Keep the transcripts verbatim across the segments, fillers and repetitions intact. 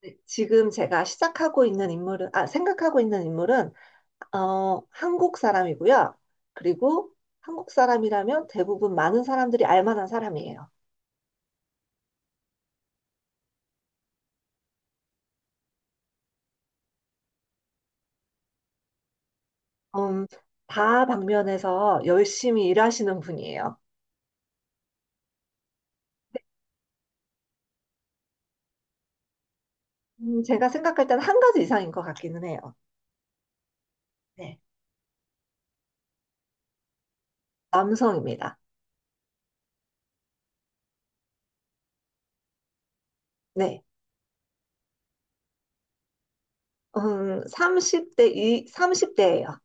네, 지금 제가 시작하고 있는 인물은, 아, 생각하고 있는 인물은, 어, 한국 사람이고요. 그리고 한국 사람이라면 대부분 많은 사람들이 알 만한 사람이에요. 음, 다 방면에서 열심히 일하시는 분이에요. 음, 제가 생각할 때는 한 가지 이상인 것 같기는 해요. 네. 남성입니다. 네. 음, 삼십 대, 이, 삼십 대예요.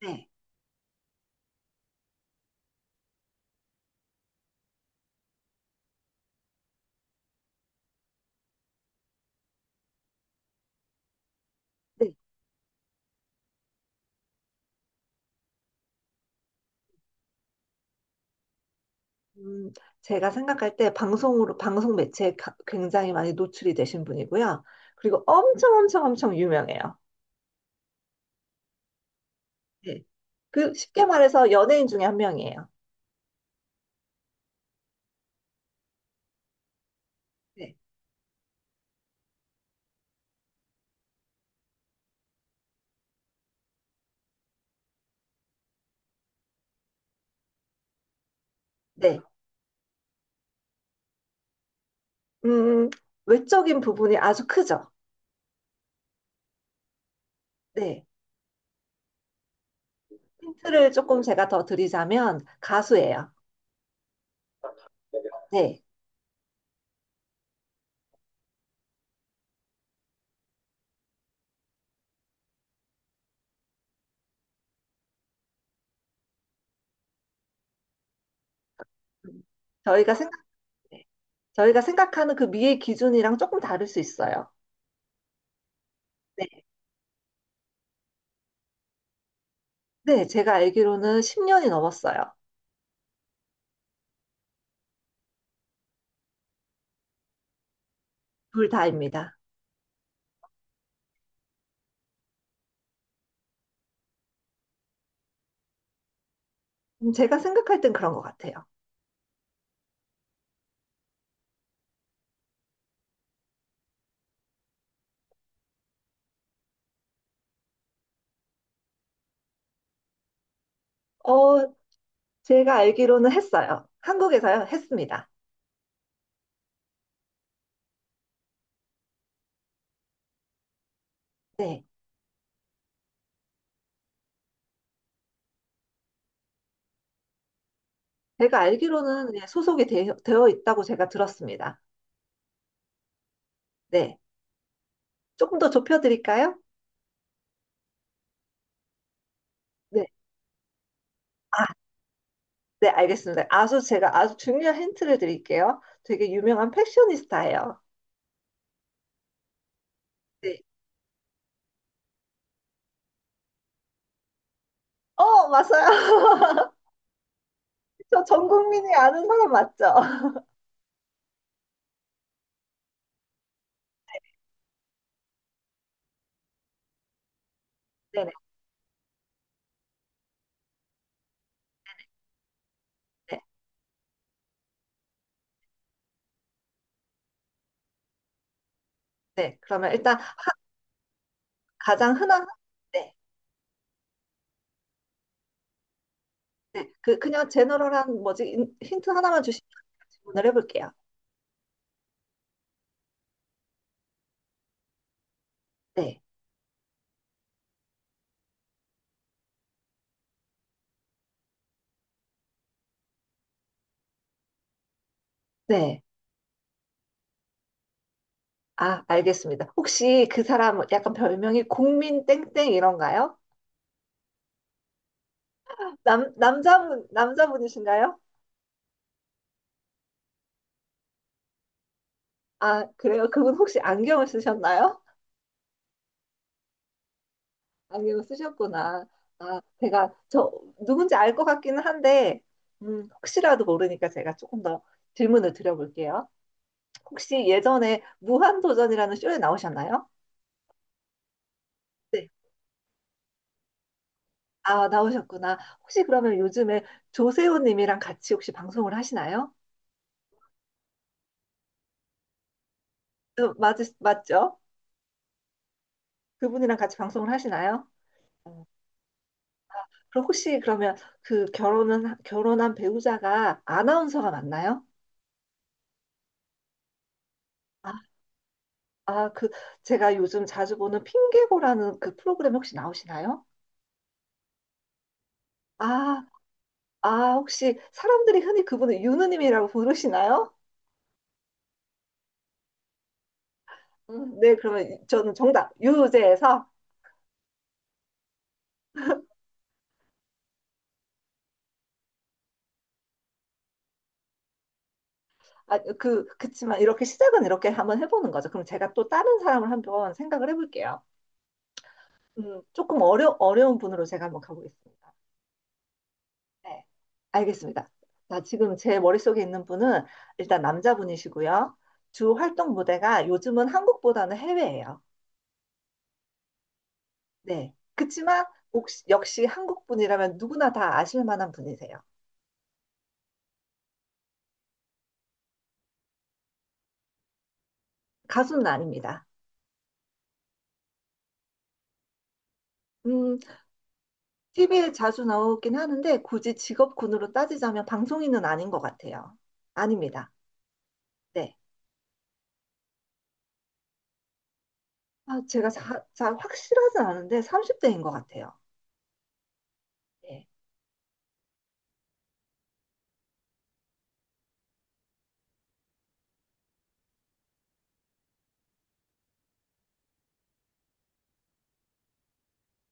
네. 네. 음, 제가 생각할 때 방송으로, 방송 매체에 가- 굉장히 많이 노출이 되신 분이고요. 그리고 엄청 엄청 엄청 유명해요. 네. 그 쉽게 말해서 연예인 중에 한 명이에요. 네. 네. 음, 외적인 부분이 아주 크죠. 네. 힌트를 조금 제가 더 드리자면 가수예요. 네. 음, 저희가 생각, 네. 저희가 생각하는 그 미의 기준이랑 조금 다를 수 있어요. 네. 네. 제가 알기로는 십 년이 넘었어요. 둘 다입니다. 음, 제가 생각할 땐 그런 것 같아요. 어, 제가 알기로는 했어요. 한국에서요, 했습니다. 네. 제가 알기로는 네, 소속이 되, 어 있다고 제가 들었습니다. 네. 조금 더 좁혀드릴까요? 네. 아, 네, 알겠습니다. 아주 제가 아주 중요한 힌트를 드릴게요. 되게 유명한 패셔니스타예요. 네. 어, 맞아요. 저 전 국민이 아는 사람 맞죠? 네네. 네. 네. 그러면 일단 가장 흔한, 네. 네. 그, 그냥 제너럴한 뭐지, 힌트 하나만 주시면 질문을 해볼게요. 네. 네. 아, 알겠습니다. 혹시 그 사람 약간 별명이 국민 땡땡 이런가요? 남, 남자분, 남자분이신가요? 아, 그래요? 그분 혹시 안경을 쓰셨나요? 안경을 쓰셨구나. 아, 제가 저 누군지 알 것 같기는 한데, 음, 혹시라도 모르니까 제가 조금 더 질문을 드려볼게요. 혹시 예전에 무한도전이라는 쇼에 나오셨나요? 네. 아, 나오셨구나. 혹시 그러면 요즘에 조세호님이랑 같이 혹시 방송을 하시나요? 어, 맞, 맞죠? 그분이랑 같이 방송을 하시나요? 어, 그럼 혹시 그러면 그 결혼은 결혼한 배우자가 아나운서가 맞나요? 아, 아, 그 제가 요즘 자주 보는 핑계고라는 그 프로그램 혹시 나오시나요? 아, 아, 혹시 사람들이 흔히 그분을 유느님이라고 부르시나요? 음, 네, 그러면 저는 정답 유재에서 아, 그 그치만 이렇게 시작은 이렇게 한번 해보는 거죠. 그럼 제가 또 다른 사람을 한번 생각을 해볼게요. 음, 조금 어려 어려운 분으로 제가 한번 가보겠습니다. 네, 알겠습니다. 자, 지금 제 머릿속에 있는 분은 일단 남자분이시고요. 주 활동 무대가 요즘은 한국보다는 해외예요. 네. 그치만 혹시- 역시 한국분이라면 누구나 다 아실 만한 분이세요. 가수는 아닙니다. 음, 티비에 자주 나오긴 하는데 굳이 직업군으로 따지자면 방송인은 아닌 것 같아요. 아닙니다. 네. 아, 제가 자, 자, 확실하진 않은데 삼십 대인 것 같아요. 네.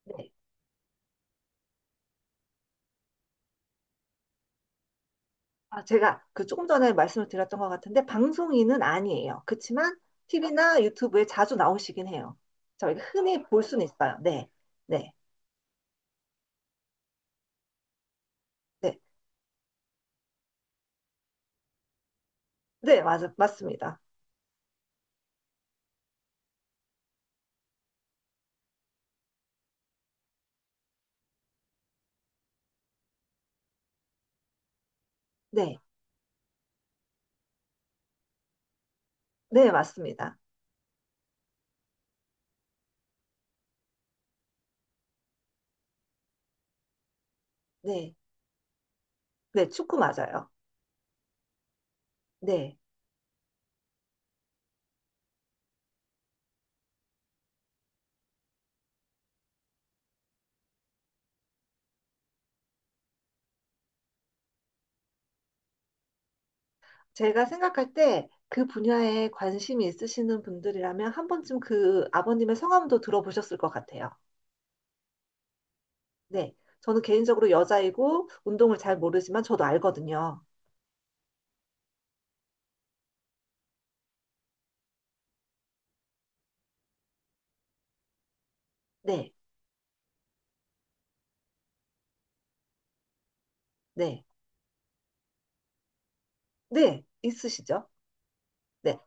네. 아, 제가 그 조금 전에 말씀을 드렸던 것 같은데 방송인은 아니에요. 그렇지만 티비나 유튜브에 자주 나오시긴 해요. 저희가 흔히 볼 수는 있어요. 네, 네, 네, 네, 맞, 맞습니다. 네, 네, 맞습니다. 네, 네, 축구 맞아요. 네, 제가 생각할 때 그 분야에 관심이 있으시는 분들이라면 한 번쯤 그 아버님의 성함도 들어보셨을 것 같아요. 네, 저는 개인적으로 여자이고 운동을 잘 모르지만 저도 알거든요. 네, 네, 네, 있으시죠? 네.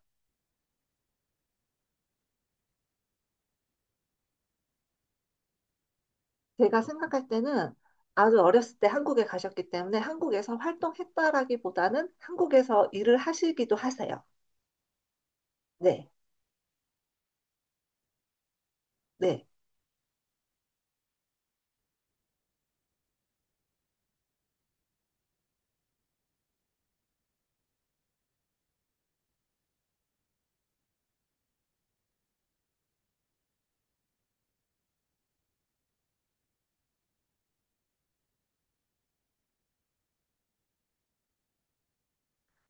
제가 생각할 때는 아주 어렸을 때 한국에 가셨기 때문에 한국에서 활동했다라기보다는 한국에서 일을 하시기도 하세요. 네, 네,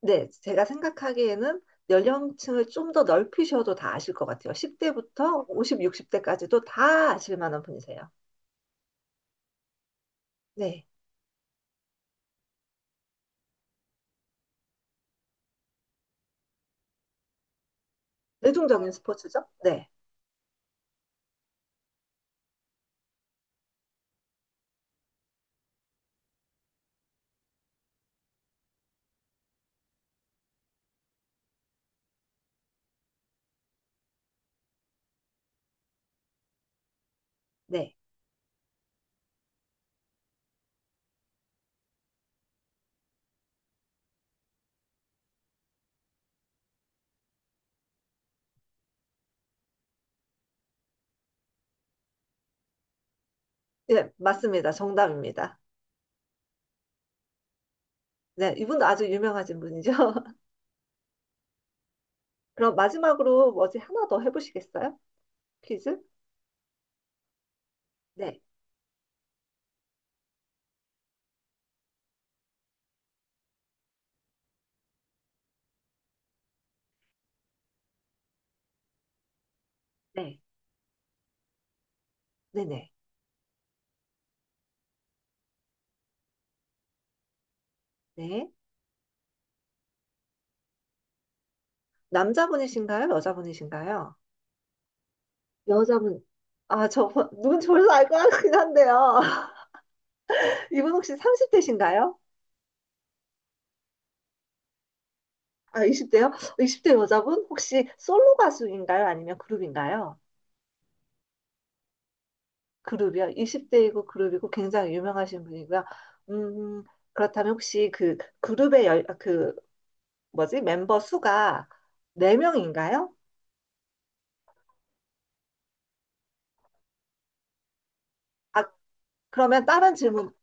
네. 제가 생각하기에는 연령층을 좀 더 넓히셔도 다 아실 것 같아요. 십 대부터 오십, 육십 대까지도 다 아실 만한 분이세요. 네. 대중적인 스포츠죠? 네, 네. 네, 맞습니다. 정답입니다. 네, 이분도 아주 유명하신 분이죠. 그럼 마지막으로 뭐지 하나 더 해보시겠어요? 퀴즈? 네, 네, 네네. 네. 남자분이신가요? 여자분이신가요? 여자분, 아, 저, 보- 눈 졸라 알 것 같긴 한데요. 이분 혹시 삼십 대신가요? 아, 이십 대요? 이십 대 여자분? 혹시 솔로 가수인가요? 아니면 그룹인가요? 그룹이요? 이십 대이고 그룹이고 굉장히 유명하신 분이고요. 음, 그렇다면 혹시 그 그룹의 열, 아, 그, 뭐지? 멤버 수가 네 명인가요? 아, 그러면 다른 질문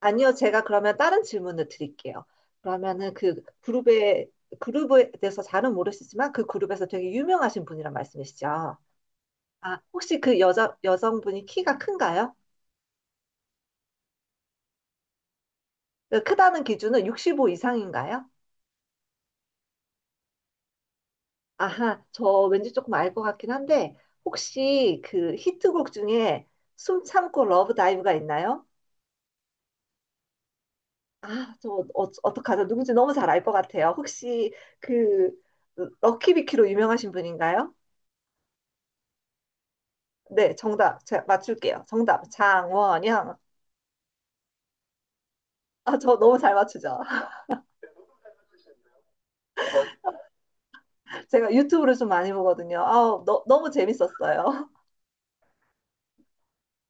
아니요, 제가 그러면 다른 질문을 드릴게요. 그러면은 그 그룹에 그룹에 대해서 잘은 모르시지만 그 그룹에서 되게 유명하신 분이란 말씀이시죠? 아, 혹시 그 여자 여성분이 키가 큰가요? 그 크다는 기준은 육십오 이상인가요? 아하, 저 왠지 조금 알 것 같긴 한데 혹시 그 히트곡 중에 숨 참고 러브 다이브가 있나요? 아, 저 어, 어떡하죠? 누군지 너무 잘 알 것 같아요. 혹시 그 럭키비키로 유명하신 분인가요? 네, 정답. 제가 맞출게요. 정답. 장원영. 아, 저 너무 잘 맞추죠? 제가 유튜브를 좀 많이 보거든요. 아, 너, 너무 재밌었어요.